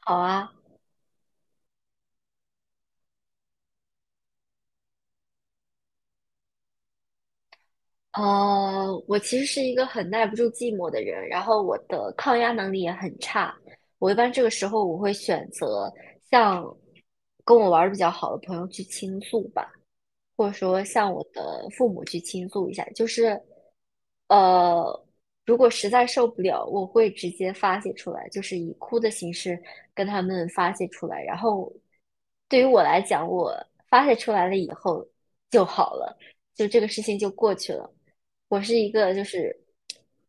好啊。我其实是一个很耐不住寂寞的人，然后我的抗压能力也很差。我一般这个时候我会选择向跟我玩的比较好的朋友去倾诉吧。或者说向我的父母去倾诉一下。呃，如果实在受不了，我会直接发泄出来，就是以哭的形式跟他们发泄出来。然后，对于我来讲，我发泄出来了以后就好了，就这个事情就过去了。我是一个就是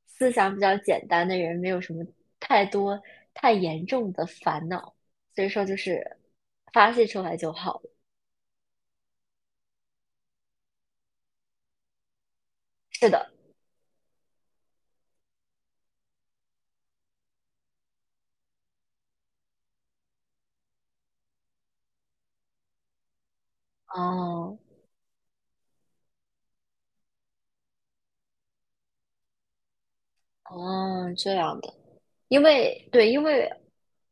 思想比较简单的人，没有什么太多太严重的烦恼，所以说就是发泄出来就好了。是的。哦。哦，这样的。因为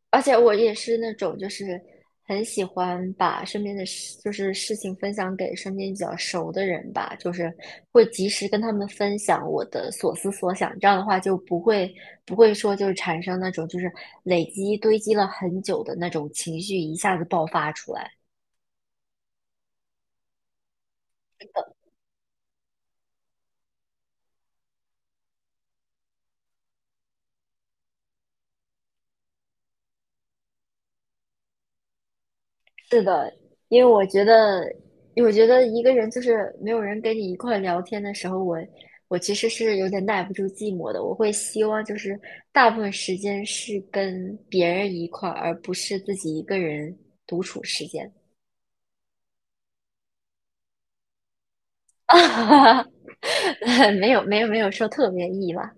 而且我也是那种就是很喜欢把身边的事，就是事情分享给身边比较熟的人吧，就是会及时跟他们分享我的所思所想，这样的话就不会说就是产生那种就是累积堆积了很久的那种情绪一下子爆发出来。是的。因为我觉得，因为我觉得一个人就是没有人跟你一块聊天的时候，我其实是有点耐不住寂寞的。我会希望就是大部分时间是跟别人一块儿，而不是自己一个人独处时间。没有没有没有说特别意吧？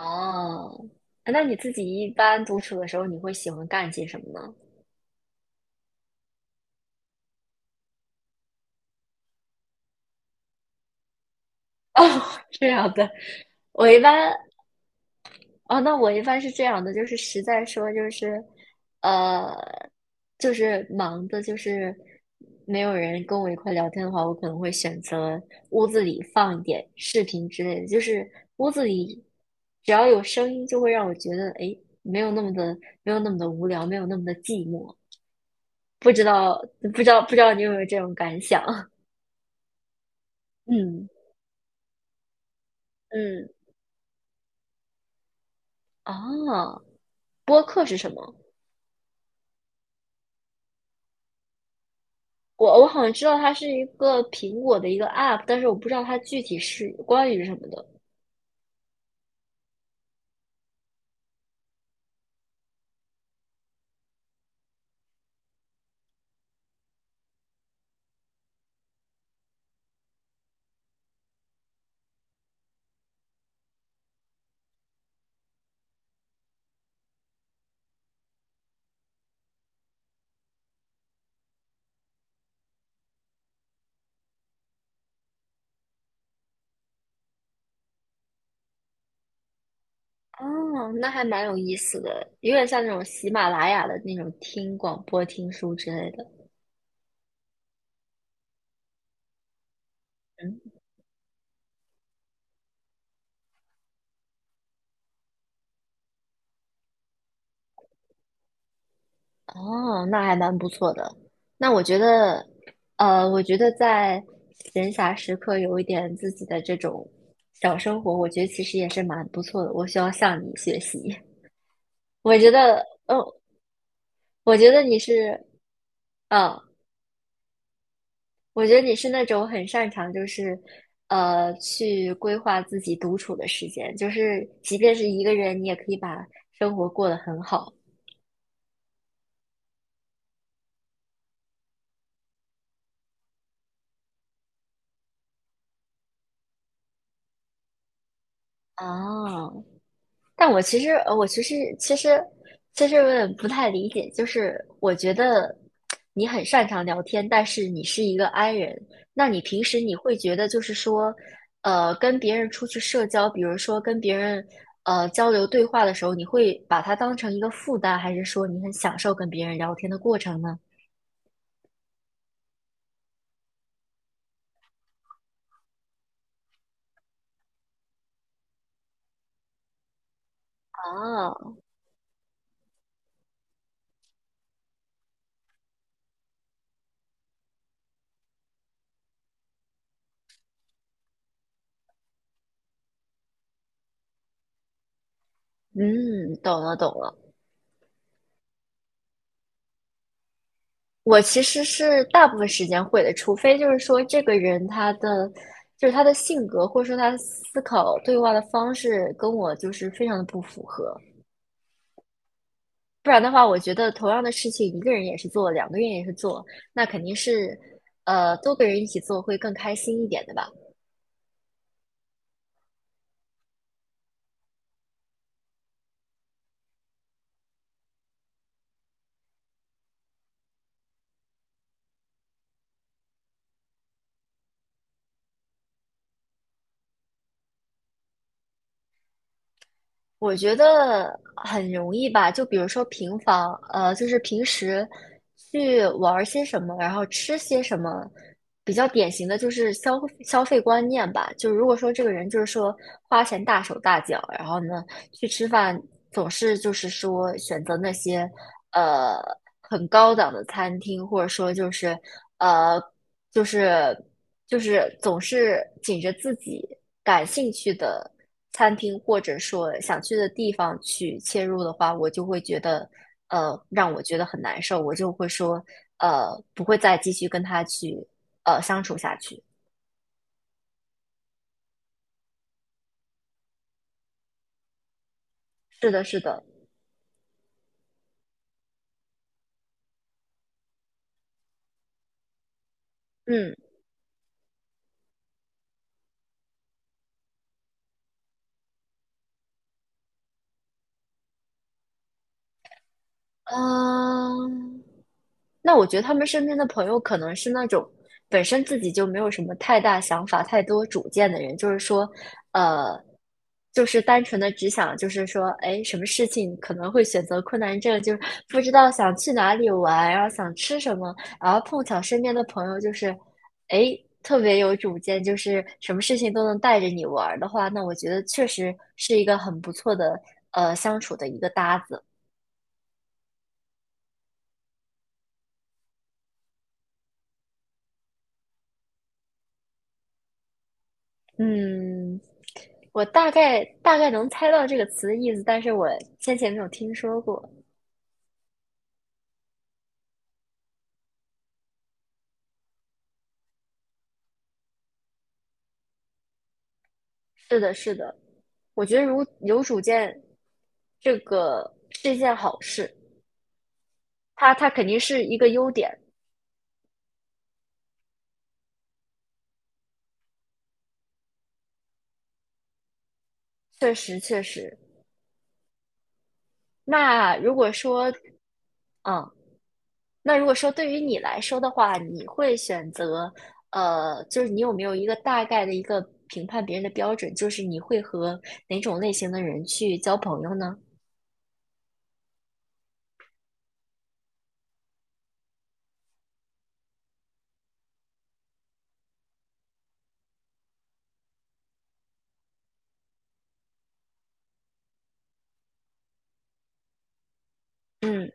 哦，那你自己一般独处的时候，你会喜欢干些什么呢？哦，这样的。我一般我一般是这样的，就是实在说，就是，呃，就是忙的，就是没有人跟我一块聊天的话，我可能会选择屋子里放一点视频之类的，就是屋子里只要有声音，就会让我觉得，哎，没有那么的，没有那么的无聊，没有那么的寂寞。不知道你有没有这种感想？嗯嗯。啊，播客是什么？我好像知道它是一个苹果的一个 app,但是我不知道它具体是关于什么的。哦，那还蛮有意思的，有点像那种喜马拉雅的那种听广播、听书之类的。嗯。哦，那还蛮不错的。那我觉得，呃，我觉得在闲暇时刻有一点自己的这种小生活，我觉得其实也是蛮不错的。我需要向你学习。我觉得，嗯，我觉得你是，嗯、我觉得你是那种很擅长，去规划自己独处的时间，就是即便是一个人，你也可以把生活过得很好啊。但我其实有点不太理解，就是我觉得你很擅长聊天，但是你是一个 I 人，那你平时你会觉得就是说，跟别人出去社交，比如说跟别人交流对话的时候，你会把它当成一个负担，还是说你很享受跟别人聊天的过程呢？啊，嗯，懂了懂了。我其实是大部分时间会的，除非就是说这个人他的就是他的性格或者说他的思考对话的方式跟我就是非常的不符合，不然的话，我觉得同样的事情一个人也是做，两个人也是做，那肯定是多个人一起做会更开心一点的吧。我觉得很容易吧，就比如说平房，呃，就是平时去玩儿些什么，然后吃些什么，比较典型的就是消费观念吧。就如果说这个人就是说花钱大手大脚，然后呢去吃饭总是就是说选择那些呃很高档的餐厅，或者说呃就是。总是紧着自己感兴趣的餐厅或者说想去的地方去切入的话，我就会觉得，让我觉得很难受，我就会说，不会再继续跟他去，相处下去。是的，是的。嗯。嗯、那我觉得他们身边的朋友可能是那种本身自己就没有什么太大想法、太多主见的人，就是说，呃，就是单纯的只想，就是说，哎，什么事情可能会选择困难症，就是不知道想去哪里玩，然后想吃什么，然后碰巧身边的朋友就是，哎，特别有主见，就是什么事情都能带着你玩儿的话，那我觉得确实是一个很不错的相处的一个搭子。嗯，我大概能猜到这个词的意思，但是我先前没有听说过。是的，是的，我觉得如有主见，这个是一件好事，它肯定是一个优点。确实确实。那如果说，嗯，那如果说对于你来说的话，你会选择，就是你有没有一个大概的一个评判别人的标准，就是你会和哪种类型的人去交朋友呢？嗯。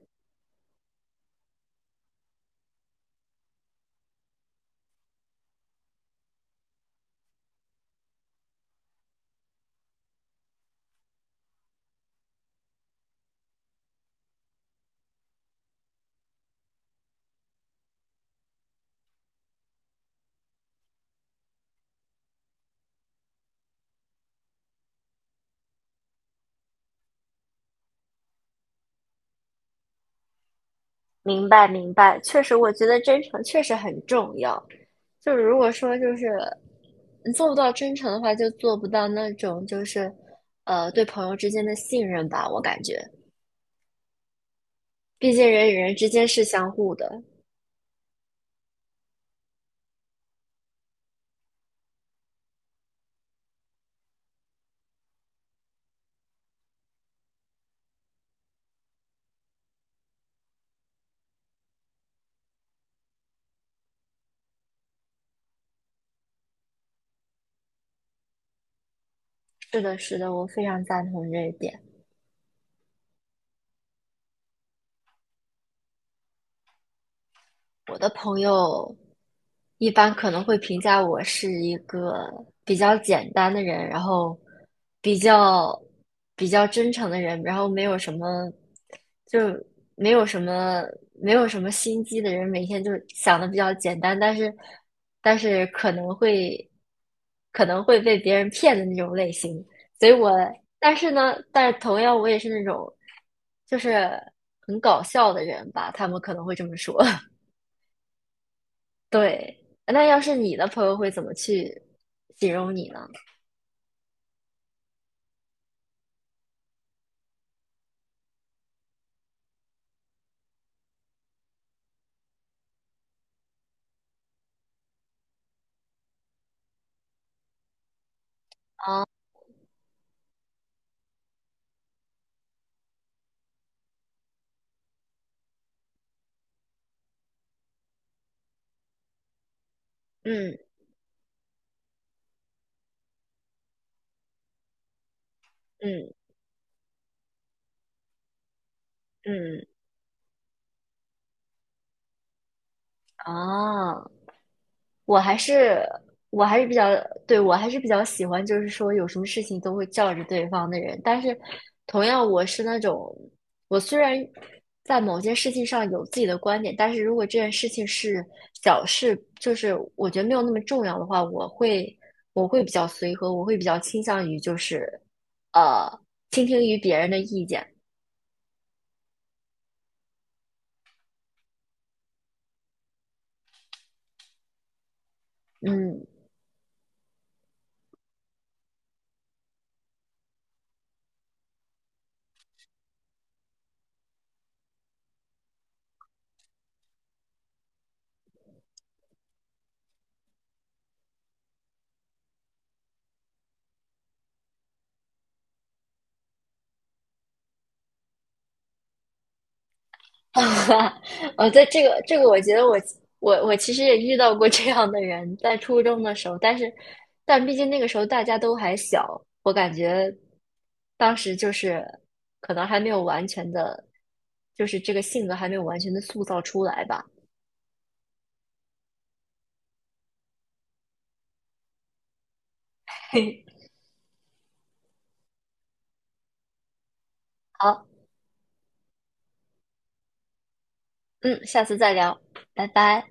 明白明白，确实，我觉得真诚确实很重要。就是如果说就是你做不到真诚的话，就做不到那种就是对朋友之间的信任吧。我感觉，毕竟人与人之间是相互的。是的，是的，我非常赞同这一点。我的朋友一般可能会评价我是一个比较简单的人，然后比较比较真诚的人，然后没有什么就没有什么没有什么心机的人，每天就想的比较简单，但是但是可能会被别人骗的那种类型。所以我但是呢，但是同样我也是那种就是很搞笑的人吧，他们可能会这么说。对，那要是你的朋友会怎么去形容你呢？啊，嗯嗯嗯，啊。我还是我还是比较，对，我还是比较喜欢，就是说有什么事情都会叫着对方的人。但是，同样我是那种，我虽然在某件事情上有自己的观点，但是如果这件事情是小事，就是我觉得没有那么重要的话，我会比较随和，我会比较倾向于就是呃倾听于别人的意见。嗯。啊哦，在我觉得我其实也遇到过这样的人，在初中的时候，但毕竟那个时候大家都还小，我感觉当时就是可能还没有完全的，就是这个性格还没有完全的塑造出来吧。好，嗯，下次再聊，拜拜。